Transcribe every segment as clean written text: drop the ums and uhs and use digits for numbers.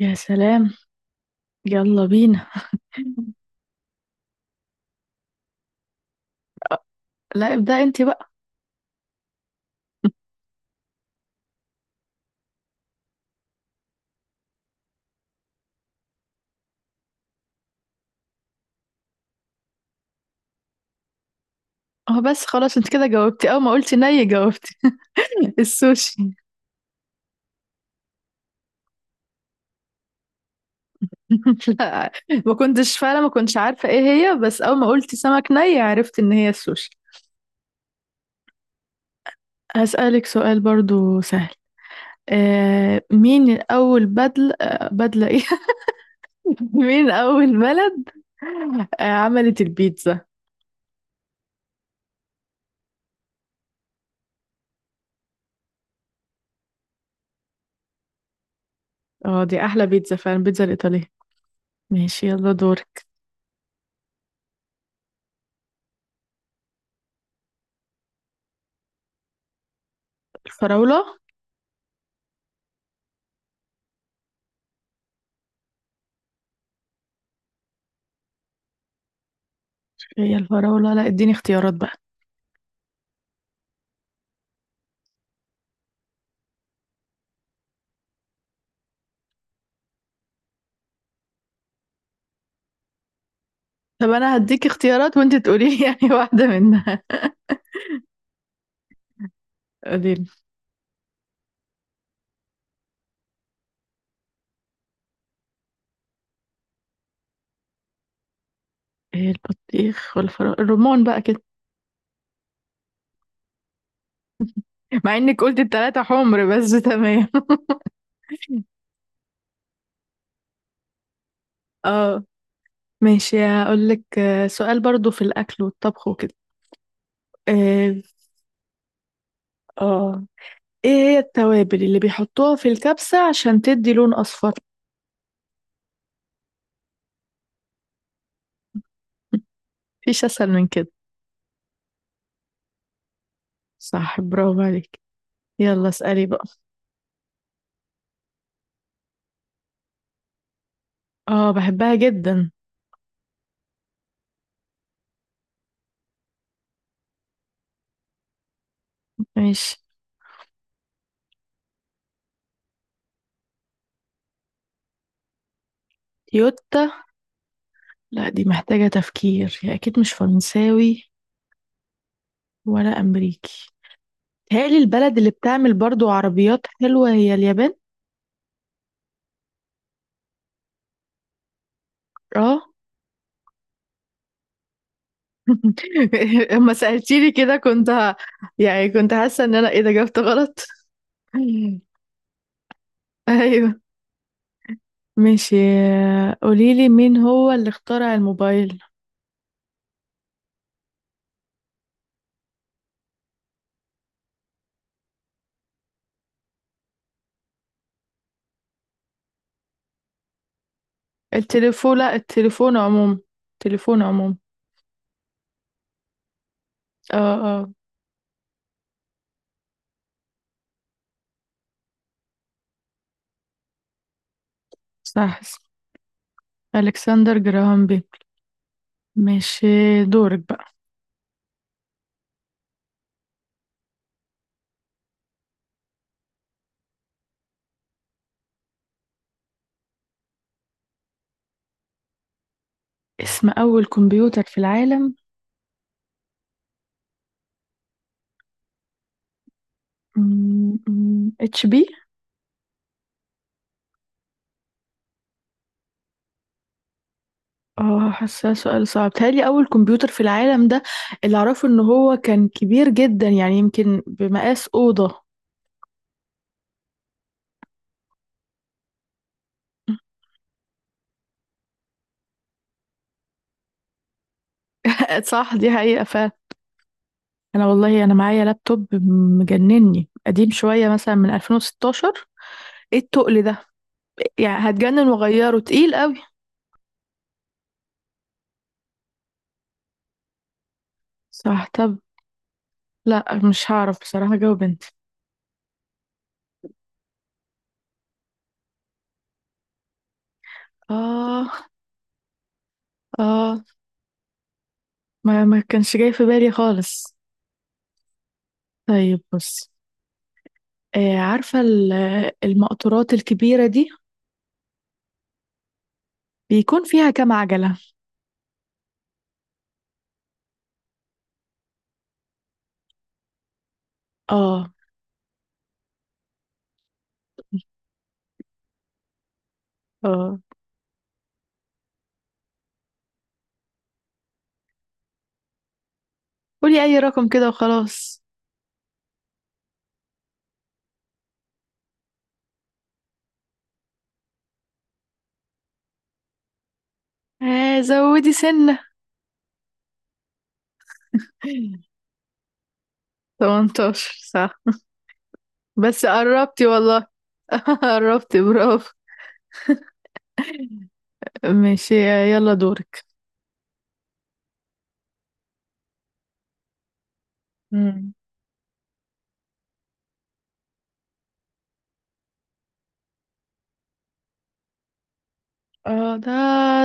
يا سلام، يلا بينا. لا، ابدأ انت بقى. اه بس خلاص انت كده جاوبتي، اول ما قلتي ني جاوبتي. السوشي. لا، ما كنتش فعلا ما كنتش عارفة ايه هي، بس اول ما قلتي سمك ني عرفت ان هي السوشي. هسألك سؤال برضو سهل. آه مين اول بدل آه بدلة ايه مين اول بلد عملت البيتزا؟ اه دي احلى بيتزا فعلا، البيتزا الايطالية. ماشي يلا دورك. الفراولة. هي الفراولة؟ لا، اديني اختيارات بقى. طب انا هديك اختيارات وانت تقولي لي واحده منها. قولي لي. ايه، البطيخ والفراوله الرمان بقى كده، مع انك قلت التلاته حمر، بس تمام. اه. ماشي، هقول لك، سؤال برضو في الاكل والطبخ وكده. اه. آه. ايه هي التوابل اللي بيحطوها في الكبسه عشان تدي لون اصفر؟ مفيش اسهل من كده. صح برافو عليك. يلا اسالي بقى. اه بحبها جدا. ماشي. يوتا. لا، دي محتاجه تفكير. هي اكيد مش فرنساوي ولا امريكي. تهيألي البلد اللي بتعمل برضو عربيات حلوة هي اليابان. اه. اما سألتيني كده كنت يعني كنت حاسة ان انا ايه ده، جاوبت غلط. ايوه. ماشي. قوليلي مين هو اللي اخترع الموبايل؟ التليفون، لا التليفون عموما، التليفون عموما. اه. اه صح صح. الكسندر جراهام بيل. ماشي، دورك بقى. اسم اول كمبيوتر في العالم؟ اتش بي. اه حاساه سؤال صعب، تهيألي أول كمبيوتر في العالم ده اللي أعرفه إن هو كان كبير جدا، يعني يمكن بمقاس أوضة. صح دي حقيقة فعلا. أنا والله أنا معايا لابتوب مجنني، قديم شوية مثلا من 2016. إيه التقل ده؟ يعني هتجنن، وأغيره تقيل قوي. صح. طب لا، مش هعرف بصراحة أجاوب أنت. آه. آه. ما كانش جاي في بالي خالص. طيب بص، عارفة المقطورات الكبيرة دي بيكون فيها كام عجلة؟ اه. اه قولي اي رقم كده وخلاص. آه زودي سنة. 18 صح. بس قربتي والله. قربتي برافو. ماشي يلا دورك. مم. اه ده،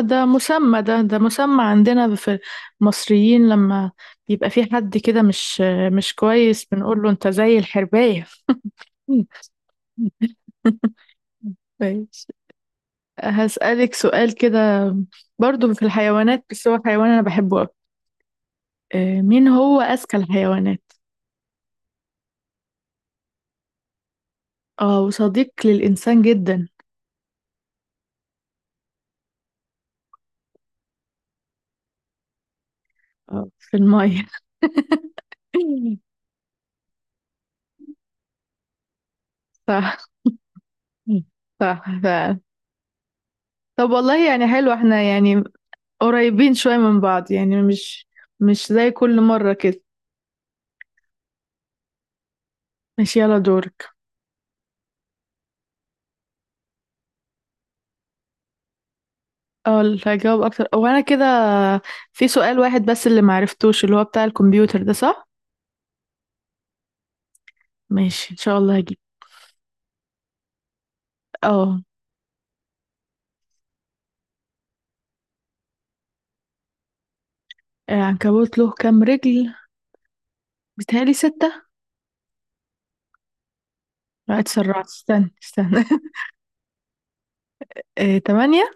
ده مسمى عندنا في المصريين، لما يبقى في حد كده مش كويس بنقول له انت زي الحرباية. ماشي. هسألك سؤال كده برضو في الحيوانات، بس هو حيوان انا بحبه. آه، مين هو أذكى الحيوانات؟ اه، وصديق للإنسان جدا. آه، في المية. صح صح فعلا. طب والله يعني حلو، احنا يعني قريبين شوية من بعض، يعني مش زي كل مرة كده. ماشي يلا دورك. اه اللي هجاوب أكتر هو أنا كده. في سؤال واحد بس اللي معرفتوش، اللي هو بتاع الكمبيوتر ده، صح؟ ماشي إن شاء الله هجيب. اه. العنكبوت له كام رجل؟ بيتهيألي ستة؟ لا اتسرعت، استنى آه، تمانية.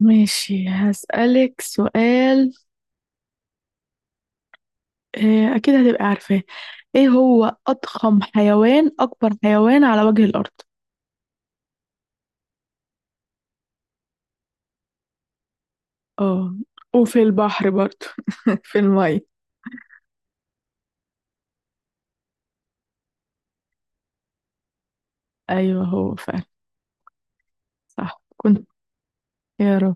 ماشي. هسألك سؤال. آه، أكيد هتبقى عارفاه. إيه هو أضخم حيوان، أكبر حيوان على وجه الأرض؟ اه وفي البحر برضه، في المية. أيوه هو فعلا. صح كنت. يا رب.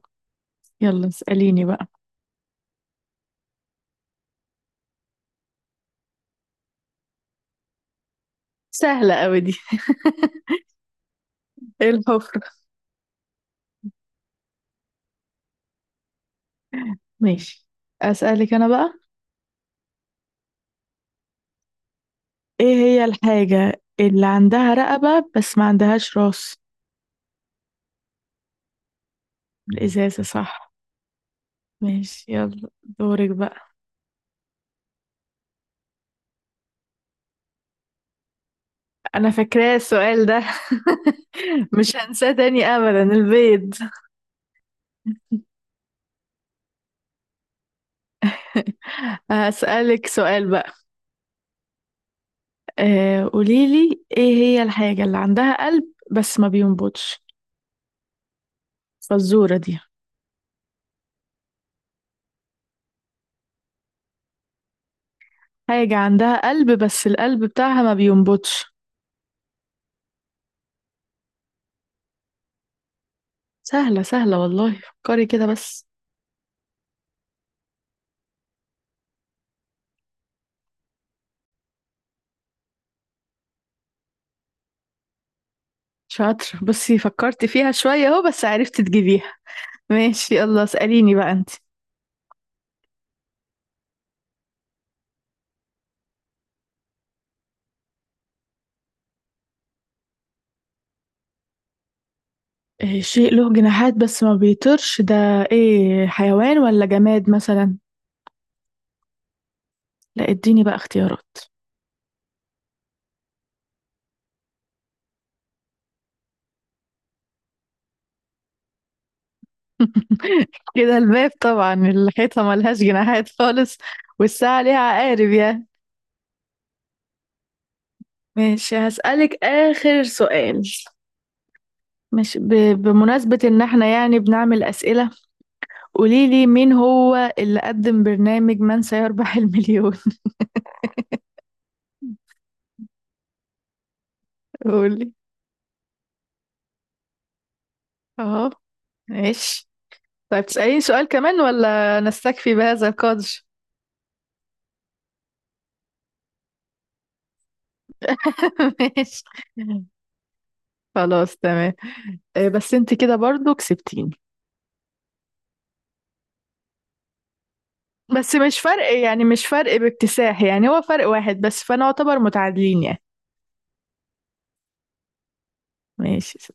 يلا اسأليني بقى. سهلة أوي دي. إيه، الحفرة. ماشي. أسألك أنا بقى. إيه هي الحاجة اللي عندها رقبة بس ما عندهاش راس؟ الإزازة صح. ماشي يلا دورك بقى. انا فاكراه السؤال ده. مش هنساه تاني ابدا، البيض. هسألك سؤال بقى. آه، قوليلي ايه هي الحاجة اللي عندها قلب بس ما بينبضش؟ فالزورة دي. حاجة عندها قلب بس القلب بتاعها ما بينبضش. سهلة سهلة والله، فكري كده بس. شاطرة، بصي فكرت فيها شوية اهو بس عرفت تجيبيها. ماشي يلا اسأليني بقى انت. آه، شيء له جناحات بس ما بيطيرش ده، ايه، حيوان ولا جماد مثلا؟ لا، اديني بقى اختيارات. كده الباب طبعا، الحيطة ملهاش جناحات خالص، والساعة ليها عقارب يا. ماشي هسألك آخر سؤال. مش ب... بمناسبة إن احنا يعني بنعمل أسئلة، قوليلي مين هو اللي قدم برنامج من سيربح المليون؟ قولي. اهو. ماشي. طيب تسأليني سؤال كمان، ولا نستكفي بهذا القدر؟ ماشي خلاص تمام. آه، بس انت كده برضو كسبتيني. بس مش فرق يعني، مش فرق باكتساح يعني، هو فرق واحد بس، فانا اعتبر متعادلين يعني. ماشي.